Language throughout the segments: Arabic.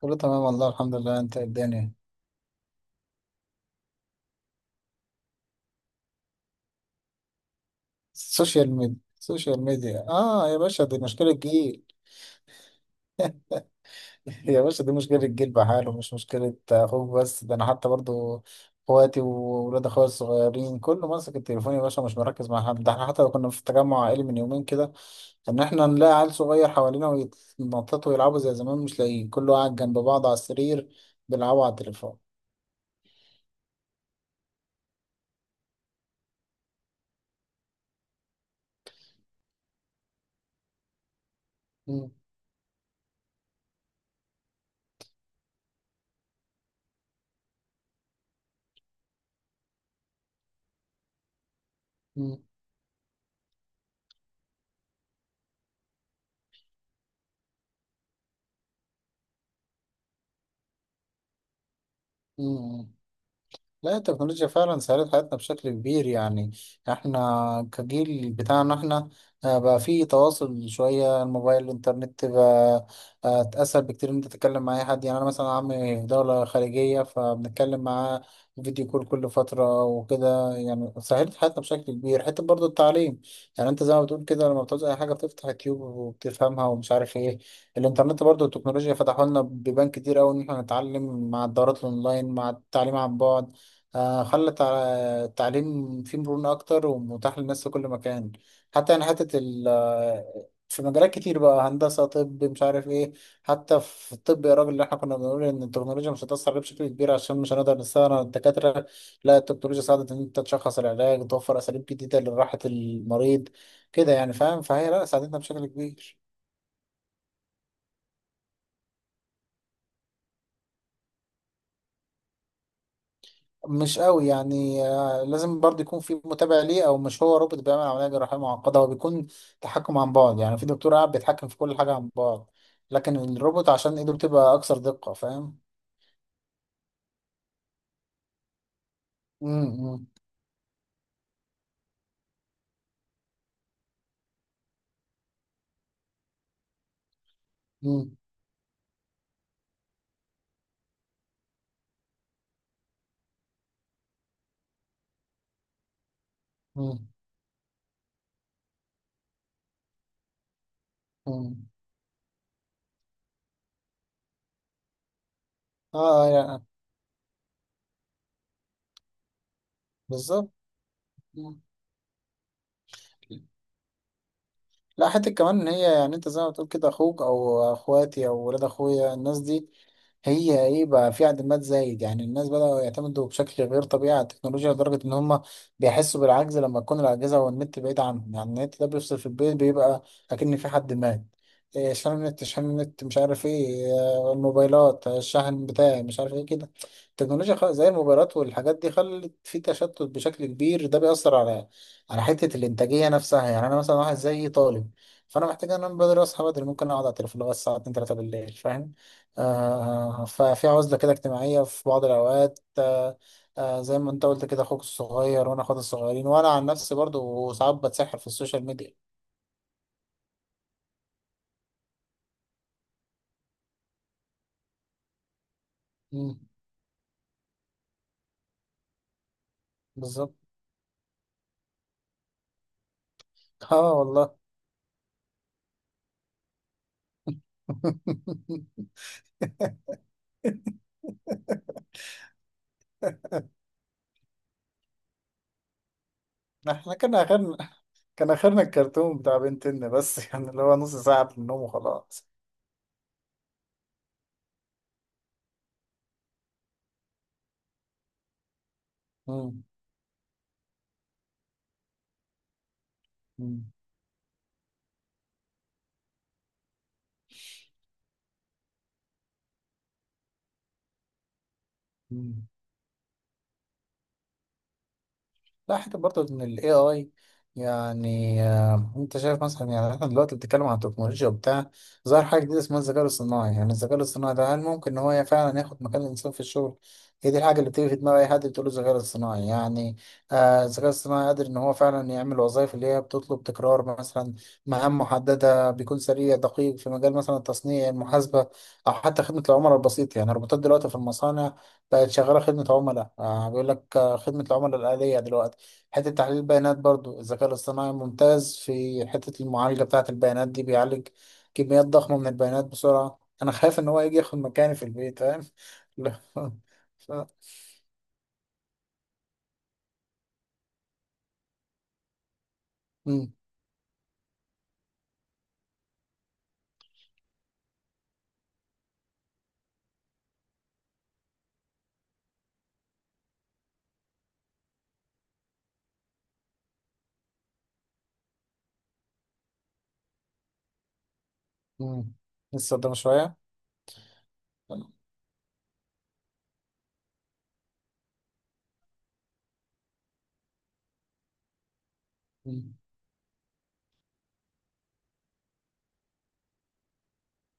كله تمام، والله الحمد لله. انت إيه الدنيا؟ السوشيال ميديا، السوشيال ميديا، اه يا باشا، دي مشكلة جيل. يا باشا، دي مشكلة جيل بحاله، مش مشكلة اخوك بس. ده انا حتى برضو اخواتي وولاد اخويا الصغيرين كله ماسك التليفون يا باشا، مش مركز مع حد. ده احنا حتى لو كنا في تجمع عائلي من يومين كده، ان احنا نلاقي عيل صغير حوالينا ويتنططوا ويلعبوا زي زمان، مش لاقيين. كله قاعد جنب بعض على السرير بيلعبوا على التليفون. مم، مم، مم. لا، التكنولوجيا فعلا سهلت حياتنا بشكل كبير. يعني احنا كجيل بتاعنا احنا، بقى في تواصل شوية. الموبايل، الانترنت، بقى اسهل بكتير ان انت تتكلم مع اي حد. يعني انا مثلا عمي في دولة خارجية فبنتكلم معاه فيديو كول كل فترة وكده. يعني سهلت حياتنا بشكل كبير، حتى برضو التعليم. يعني انت زي ما بتقول كده، لما بتعوز اي حاجة بتفتح يوتيوب وبتفهمها ومش عارف ايه. الانترنت برضو، التكنولوجيا فتحوا لنا بيبان كتير قوي ان احنا نتعلم مع الدورات الاونلاين، مع التعليم عن بعد. خلى التعليم فيه مرونة أكتر ومتاح للناس في كل مكان. حتى يعني حتة ال في مجالات كتير بقى، هندسة، طب، مش عارف إيه. حتى في الطب يا راجل، اللي إحنا كنا بنقول إن التكنولوجيا مش هتأثر عليه بشكل كبير عشان مش هنقدر نستغنى عن الدكاترة. لا، التكنولوجيا ساعدت إن أنت تشخص العلاج وتوفر أساليب جديدة لراحة المريض كده، يعني، فاهم؟ فهي لا، ساعدتنا بشكل كبير. مش قوي يعني، لازم برضه يكون في متابع ليه. او مش هو روبوت بيعمل عمليه جراحيه معقده، هو بيكون تحكم عن بعد. يعني في دكتور قاعد بيتحكم في كل حاجه عن بعد، لكن الروبوت عشان ايده بتبقى اكثر دقه، فاهم؟ امم، امم، امم، امم، اه، آه، يعني بالظبط. مم. لا، حتى كمان ان هي، يعني انت زي ما بتقول كده، اخوك او اخواتي او ولاد اخويا، الناس دي هي ايه؟ بقى في اعتماد زايد. يعني الناس بدأوا يعتمدوا بشكل غير طبيعي على التكنولوجيا، لدرجة ان هم بيحسوا بالعجز لما تكون الأجهزة والنت بعيد عنهم. يعني النت ده بيفصل في البيت بيبقى أكن في حد مات. إيه، شحن النت، مش عارف ايه، الموبايلات، الشحن بتاعي مش عارف ايه كده. التكنولوجيا زي الموبايلات والحاجات دي خلت في تشتت بشكل كبير. ده بيأثر على حتة الإنتاجية نفسها. يعني أنا مثلا واحد زي طالب. فأنا محتاج أنام بدري، أصحى بدري. ممكن أقعد على التليفون لغاية الساعة 2 3 بالليل، فاهم؟ ففي عزلة كده اجتماعية في بعض الأوقات. زي ما انت قلت كده، أخوك الصغير وأنا أخواتي الصغيرين، وأنا عن نفسي برضو ساعات بتسحر في السوشيال ميديا. مم، بالظبط، اه والله. احنا كان آخرنا الكرتون بتاع بنتنا بس، يعني اللي هو نص ساعة في النوم وخلاص. مم، مم، مم. لا، حتى برضه ان ال AI، يعني، انت شايف مثلا. يعني احنا دلوقتي بنتكلم عن التكنولوجيا وبتاع، ظهر حاجة جديدة اسمها الذكاء الاصطناعي. يعني الذكاء الاصطناعي ده، هل ممكن ان هو فعلا ياخد مكان الانسان في الشغل؟ هي دي الحاجة اللي بتيجي في دماغ اي حد بتقول له الذكاء الاصطناعي. يعني الذكاء الاصطناعي قادر ان هو فعلا يعمل وظائف اللي هي بتطلب تكرار، مثلا مهام محددة. بيكون سريع دقيق في مجال مثلا التصنيع، المحاسبة، او حتى خدمة العملاء البسيط. يعني الروبوتات دلوقتي في المصانع بقت شغالة خدمة عملاء. بيقول لك خدمة العملاء الآلية دلوقتي. حتة تحليل البيانات برضو، الذكاء الاصطناعي ممتاز في حتة المعالجة بتاعة البيانات دي. بيعالج كميات ضخمة من البيانات بسرعة. أنا خايف إن هو يجي ياخد مكاني في البيت، فاهم؟ لا. ف... مم. مم. لسه قدام شوية. مم.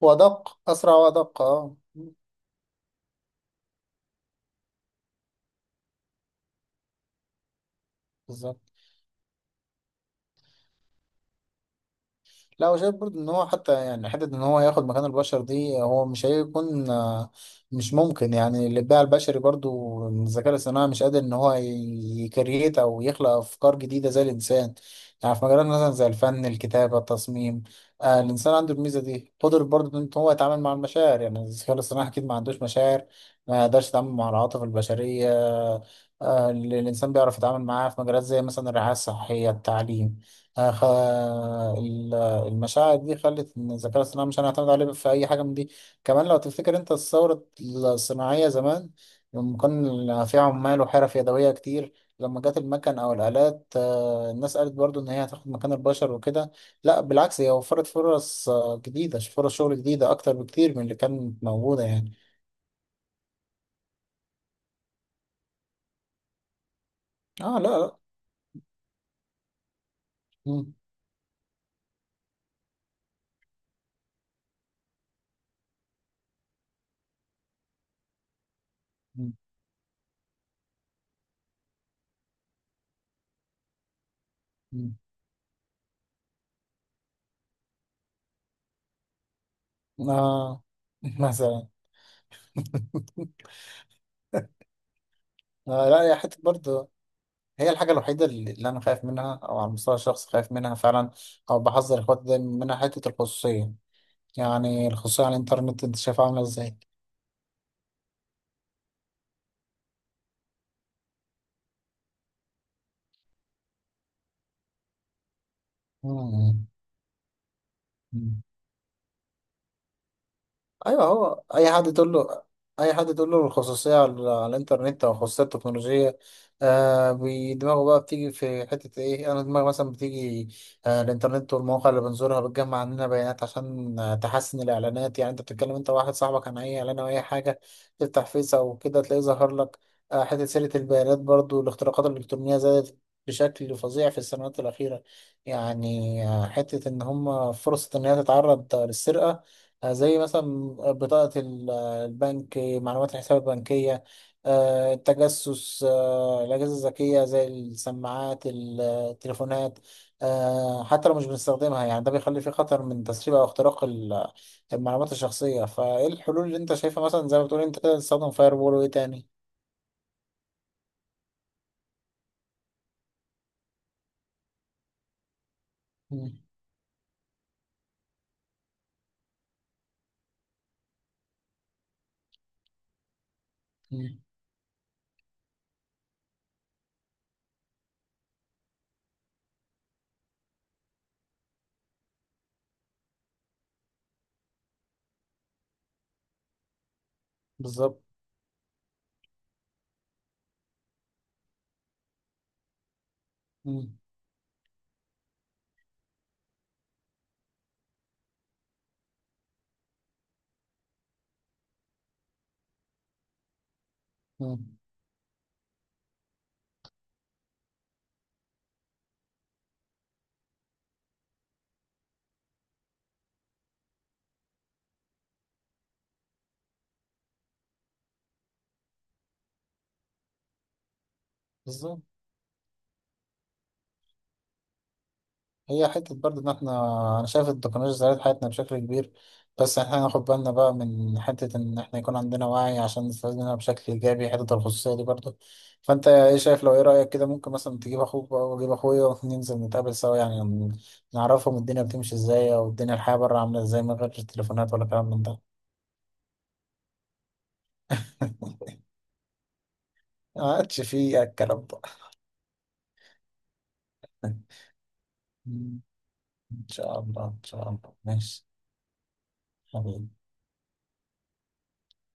وأدق، أسرع وأدق، أه. مم. بالظبط. لا، وشايف برضه ان هو حتى، يعني حته ان هو ياخد مكان البشر دي، هو مش هيكون مش ممكن. يعني الابداع البشري برضه، الذكاء الاصطناعي مش قادر ان هو يكريت او يخلق افكار جديده زي الانسان. يعني في مجالات مثلا زي الفن، الكتابه، التصميم. الانسان عنده الميزه دي. قدر برضه ان هو يتعامل مع المشاعر. يعني الذكاء الاصطناعي اكيد ما عندوش مشاعر، ما يقدرش يتعامل مع العواطف البشريه. اللي الانسان بيعرف يتعامل معاها في مجالات زي مثلا الرعايه الصحيه، التعليم. آه، خ- المشاعر دي خلت ان الذكاء الصناعي مش هنعتمد عليه في اي حاجه من دي. كمان لو تفتكر انت الثوره الصناعيه زمان، لما كان في عمال وحرف يدويه كتير، لما جت المكن او الالات، الناس قالت برضو ان هي هتاخد مكان البشر وكده. لا، بالعكس، هي وفرت فرص جديده، فرص شغل جديده اكتر بكتير من اللي كانت موجوده يعني. اه، لا لا. مم، مم، مم. آه. مثلا. آه، لا يا حتة برضه. هي الحاجة الوحيدة اللي أنا خايف منها، أو على المستوى الشخصي خايف منها فعلا، أو بحذر إخواتي دايما منها. حتة الخصوصية. يعني الخصوصية على الإنترنت أنت شايفها عاملة إزاي؟ مم. ايوه. هو اي حد تقول له، الخصوصيه على الانترنت او الخصوصيه التكنولوجيه، دماغه بقى بتيجي في حته ايه؟ انا دماغي مثلا بتيجي، الانترنت والمواقع اللي بنزورها بتجمع عننا بيانات عشان تحسن الاعلانات. يعني انت بتتكلم انت واحد صاحبك عن اي اعلان او اي حاجه، تفتح فيس او كده تلاقيه ظهر لك. حته سيره البيانات برضو، الاختراقات الالكترونيه زادت بشكل فظيع في السنوات الاخيره. يعني حته ان هم فرصه ان هي تتعرض للسرقه، زي مثلا بطاقة البنك، معلومات الحساب البنكية، التجسس، الأجهزة الذكية زي السماعات، التليفونات، حتى لو مش بنستخدمها. يعني ده بيخلي فيه خطر من تسريب أو اختراق المعلومات الشخصية. فإيه الحلول اللي أنت شايفها مثلا؟ زي ما بتقول أنت كده، تستخدم فاير وول، وإيه تاني؟ مم. مم. بالظبط. مم. مم. بالظبط. هي حتة برضه إن إحنا، أنا شايف التكنولوجيا سهلت حياتنا بشكل كبير، بس إحنا ناخد بالنا بقى من حتة إن إحنا يكون عندنا وعي عشان نستفيد منها بشكل إيجابي. حتة الخصوصية دي برضه. فأنت إيه شايف؟ لو إيه رأيك كده، ممكن مثلا تجيب أخوك بقى وأجيب أخويا وننزل نتقابل سوا. يعني نعرفهم الدنيا بتمشي إزاي، أو الدنيا الحياة بره عاملة إزاي من غير التليفونات ولا كلام من ده. ما عادش فيه الكلام ده. إن شاء الله، إن شاء الله، ماشي حبيبي.